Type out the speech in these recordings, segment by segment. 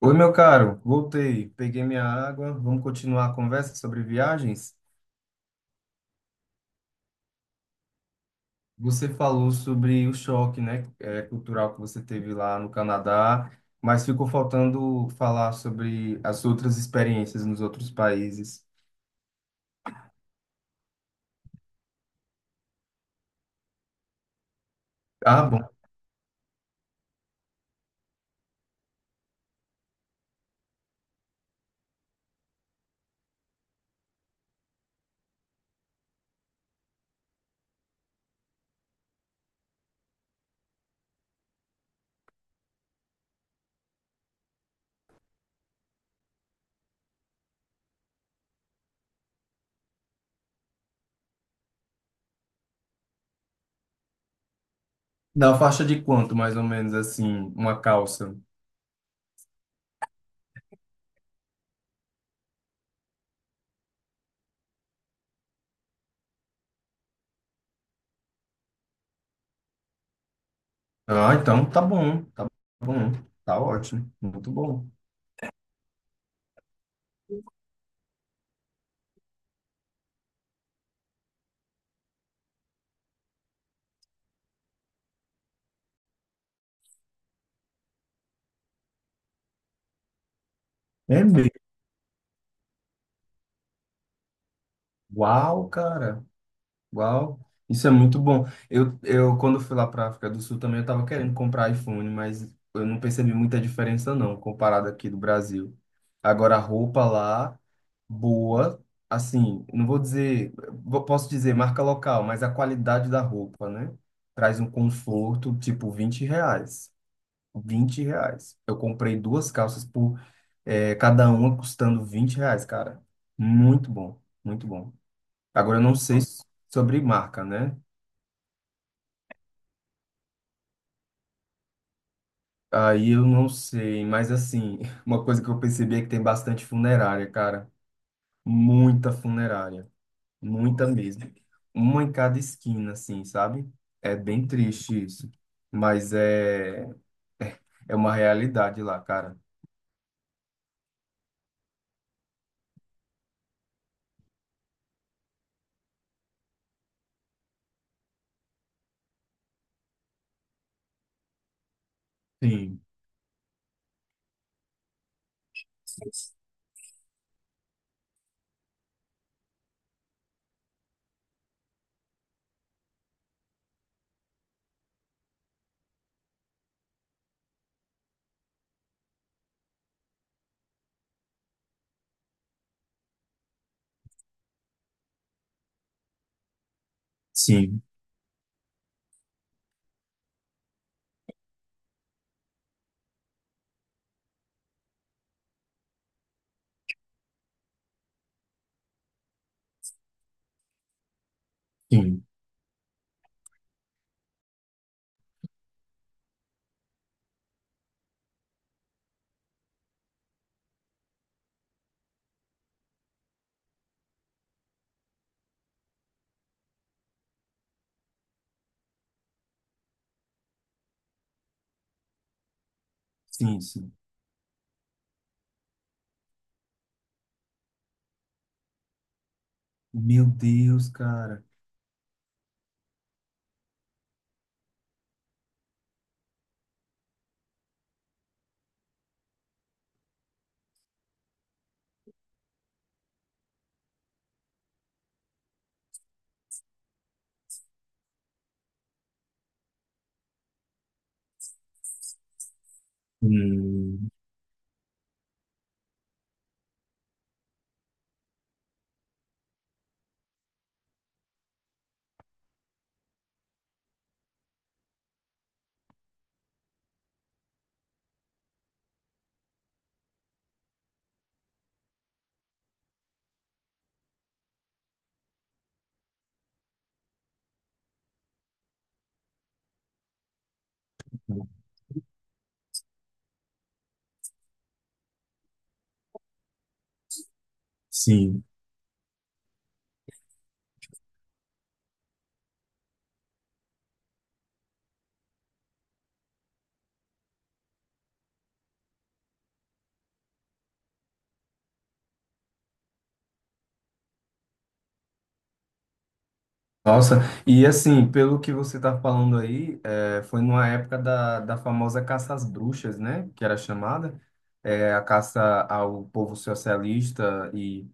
Oi, meu caro, voltei, peguei minha água. Vamos continuar a conversa sobre viagens? Você falou sobre o choque, né, cultural que você teve lá no Canadá, mas ficou faltando falar sobre as outras experiências nos outros países. Ah, bom. Da faixa de quanto, mais ou menos, assim, uma calça? Ah, então tá bom, tá bom, tá ótimo, muito bom. É mesmo? Uau, cara. Uau, isso é muito bom. Eu quando fui lá para África do Sul também eu estava querendo comprar iPhone, mas eu não percebi muita diferença não, comparado aqui do Brasil. Agora a roupa lá, boa, assim, não vou dizer, posso dizer marca local, mas a qualidade da roupa, né? Traz um conforto, tipo 20 reais. 20 reais. Eu comprei duas calças por, cada uma custando 20 reais, cara. Muito bom, muito bom. Agora, eu não sei s- sobre marca, né? Aí eu não sei, mas assim, uma coisa que eu percebi é que tem bastante funerária, cara. Muita funerária. Muita mesmo. Uma em cada esquina, assim, sabe? É bem triste isso. Mas é, é uma realidade lá, cara. Sim, sim, sim, sim, sim. Meu Deus, cara. Hum, sim. Nossa, e assim, pelo que você está falando aí, foi numa época da, da famosa caça às bruxas, né? Que era chamada, é, a caça ao povo socialista e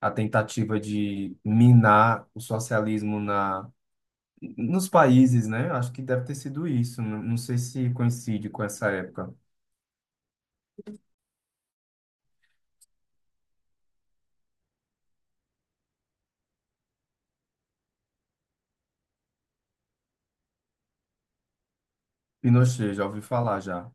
a tentativa de minar o socialismo na, nos países, né? Acho que deve ter sido isso, não, não sei se coincide com essa época. Pinochet, já ouvi falar já.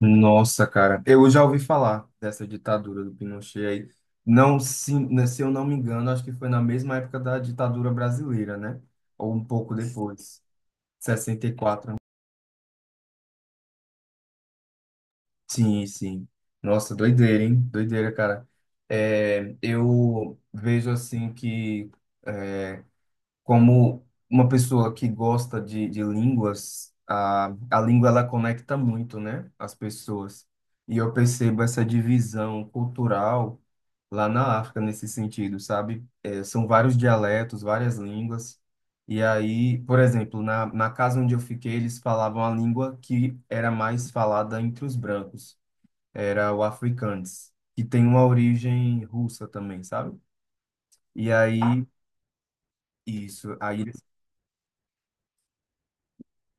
Nossa, cara, eu já ouvi falar dessa ditadura do Pinochet aí. Não, se, né, se eu não me engano, acho que foi na mesma época da ditadura brasileira, né? Ou um pouco depois, 64. Sim, sim. Nossa, doideira, hein? Doideira, cara. É, eu vejo assim que é, como uma pessoa que gosta de línguas, a língua ela conecta muito, né, as pessoas. E eu percebo essa divisão cultural lá na África nesse sentido, sabe? É, são vários dialetos, várias línguas. E aí, por exemplo, na, na casa onde eu fiquei, eles falavam a língua que era mais falada entre os brancos, era o afrikaans, que tem uma origem russa também, sabe? E aí, isso. Aí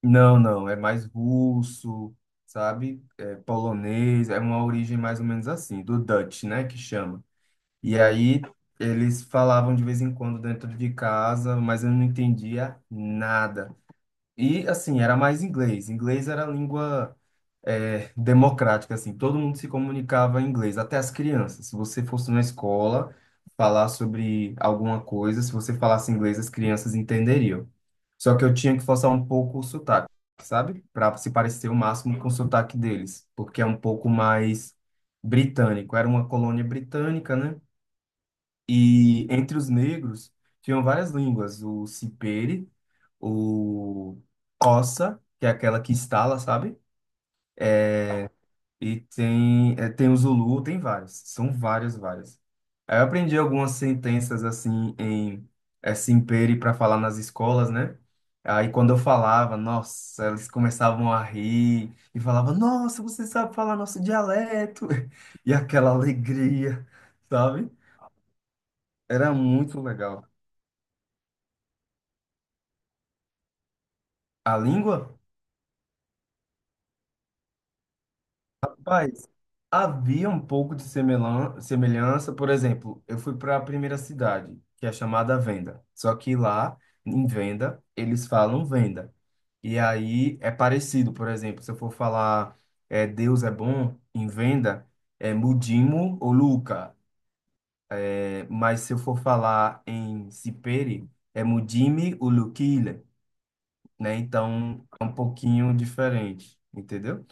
não, não, é mais russo, sabe? É polonês, é uma origem mais ou menos assim, do Dutch, né, que chama. E aí eles falavam de vez em quando dentro de casa, mas eu não entendia nada. E assim, era mais inglês. Inglês era a língua democrática, assim, todo mundo se comunicava em inglês, até as crianças. Se você fosse na escola falar sobre alguma coisa, se você falasse inglês, as crianças entenderiam. Só que eu tinha que forçar um pouco o sotaque, sabe? Para se parecer o máximo com o sotaque deles, porque é um pouco mais britânico. Era uma colônia britânica, né? E entre os negros tinham várias línguas, o Sipere, o Kossa, que é aquela que estala, sabe? E tem, é, tem o Zulu, tem vários. São várias, várias. Aí eu aprendi algumas sentenças assim em Simpere para falar nas escolas, né? Aí quando eu falava, nossa, eles começavam a rir e falavam, nossa, você sabe falar nosso dialeto. E aquela alegria, sabe? Era muito legal. A língua? Havia um pouco de semelhança, por exemplo, eu fui para a primeira cidade, que é chamada Venda. Só que lá, em Venda, eles falam Venda. E aí é parecido, por exemplo, se eu for falar Deus é bom em Venda, é Mudimo ou Luca. É, mas se eu for falar em Sipere, é Mudime ou Luquile, né? Então é um pouquinho diferente, entendeu?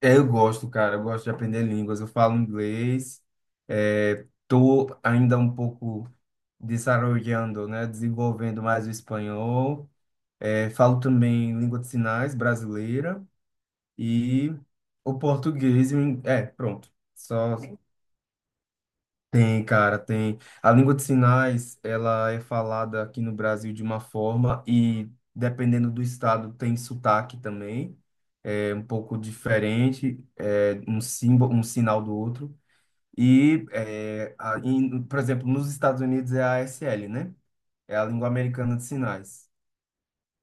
É, eu gosto, cara, eu gosto de aprender línguas. Eu falo inglês, é, tô ainda um pouco desarrollando, né, desenvolvendo mais o espanhol. É, falo também língua de sinais brasileira e o português. É, pronto. Só tem, cara, tem. A língua de sinais, ela é falada aqui no Brasil de uma forma e dependendo do estado tem sotaque também. É um pouco diferente, é um símbolo, um sinal do outro. E, é, por exemplo, nos Estados Unidos é a ASL, né? É a língua americana de sinais.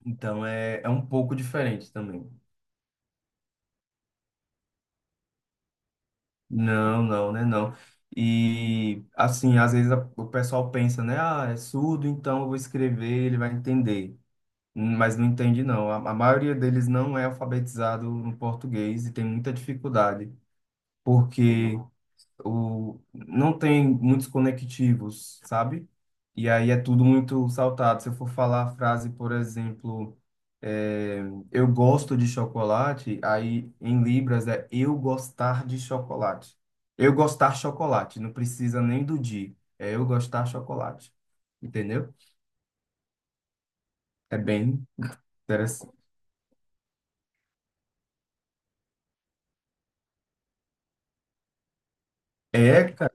Então é, é um pouco diferente também. Não, não, né? Não. E, assim, às vezes o pessoal pensa, né? Ah, é surdo, então eu vou escrever, ele vai entender. Mas não entende, não. A maioria deles não é alfabetizado no português e tem muita dificuldade, porque o, não tem muitos conectivos, sabe? E aí é tudo muito saltado. Se eu for falar a frase, por exemplo, é, eu gosto de chocolate, aí em Libras é eu gostar de chocolate. Eu gostar chocolate, não precisa nem do de, é eu gostar chocolate. Entendeu? É bem interessante. É, cara,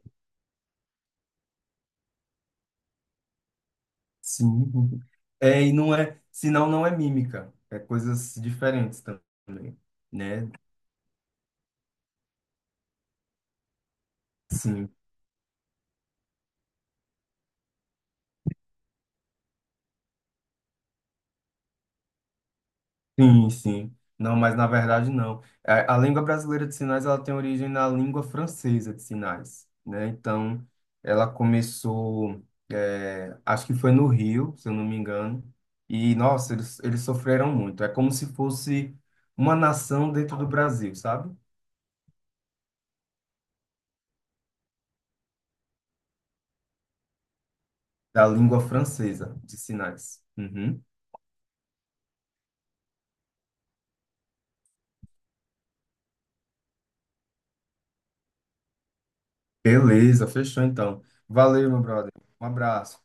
sim. É, e não é, senão não é mímica, é coisas diferentes também, né? Sim. Sim, sim. Não, mas na verdade não. É, a língua brasileira de sinais ela tem origem na língua francesa de sinais, né? Então, ela começou, é, acho que foi no Rio, se eu não me engano. E, nossa, eles sofreram muito. É como se fosse uma nação dentro do Brasil, sabe? Da língua francesa de sinais. Uhum. Beleza, fechou então. Valeu, meu brother. Um abraço.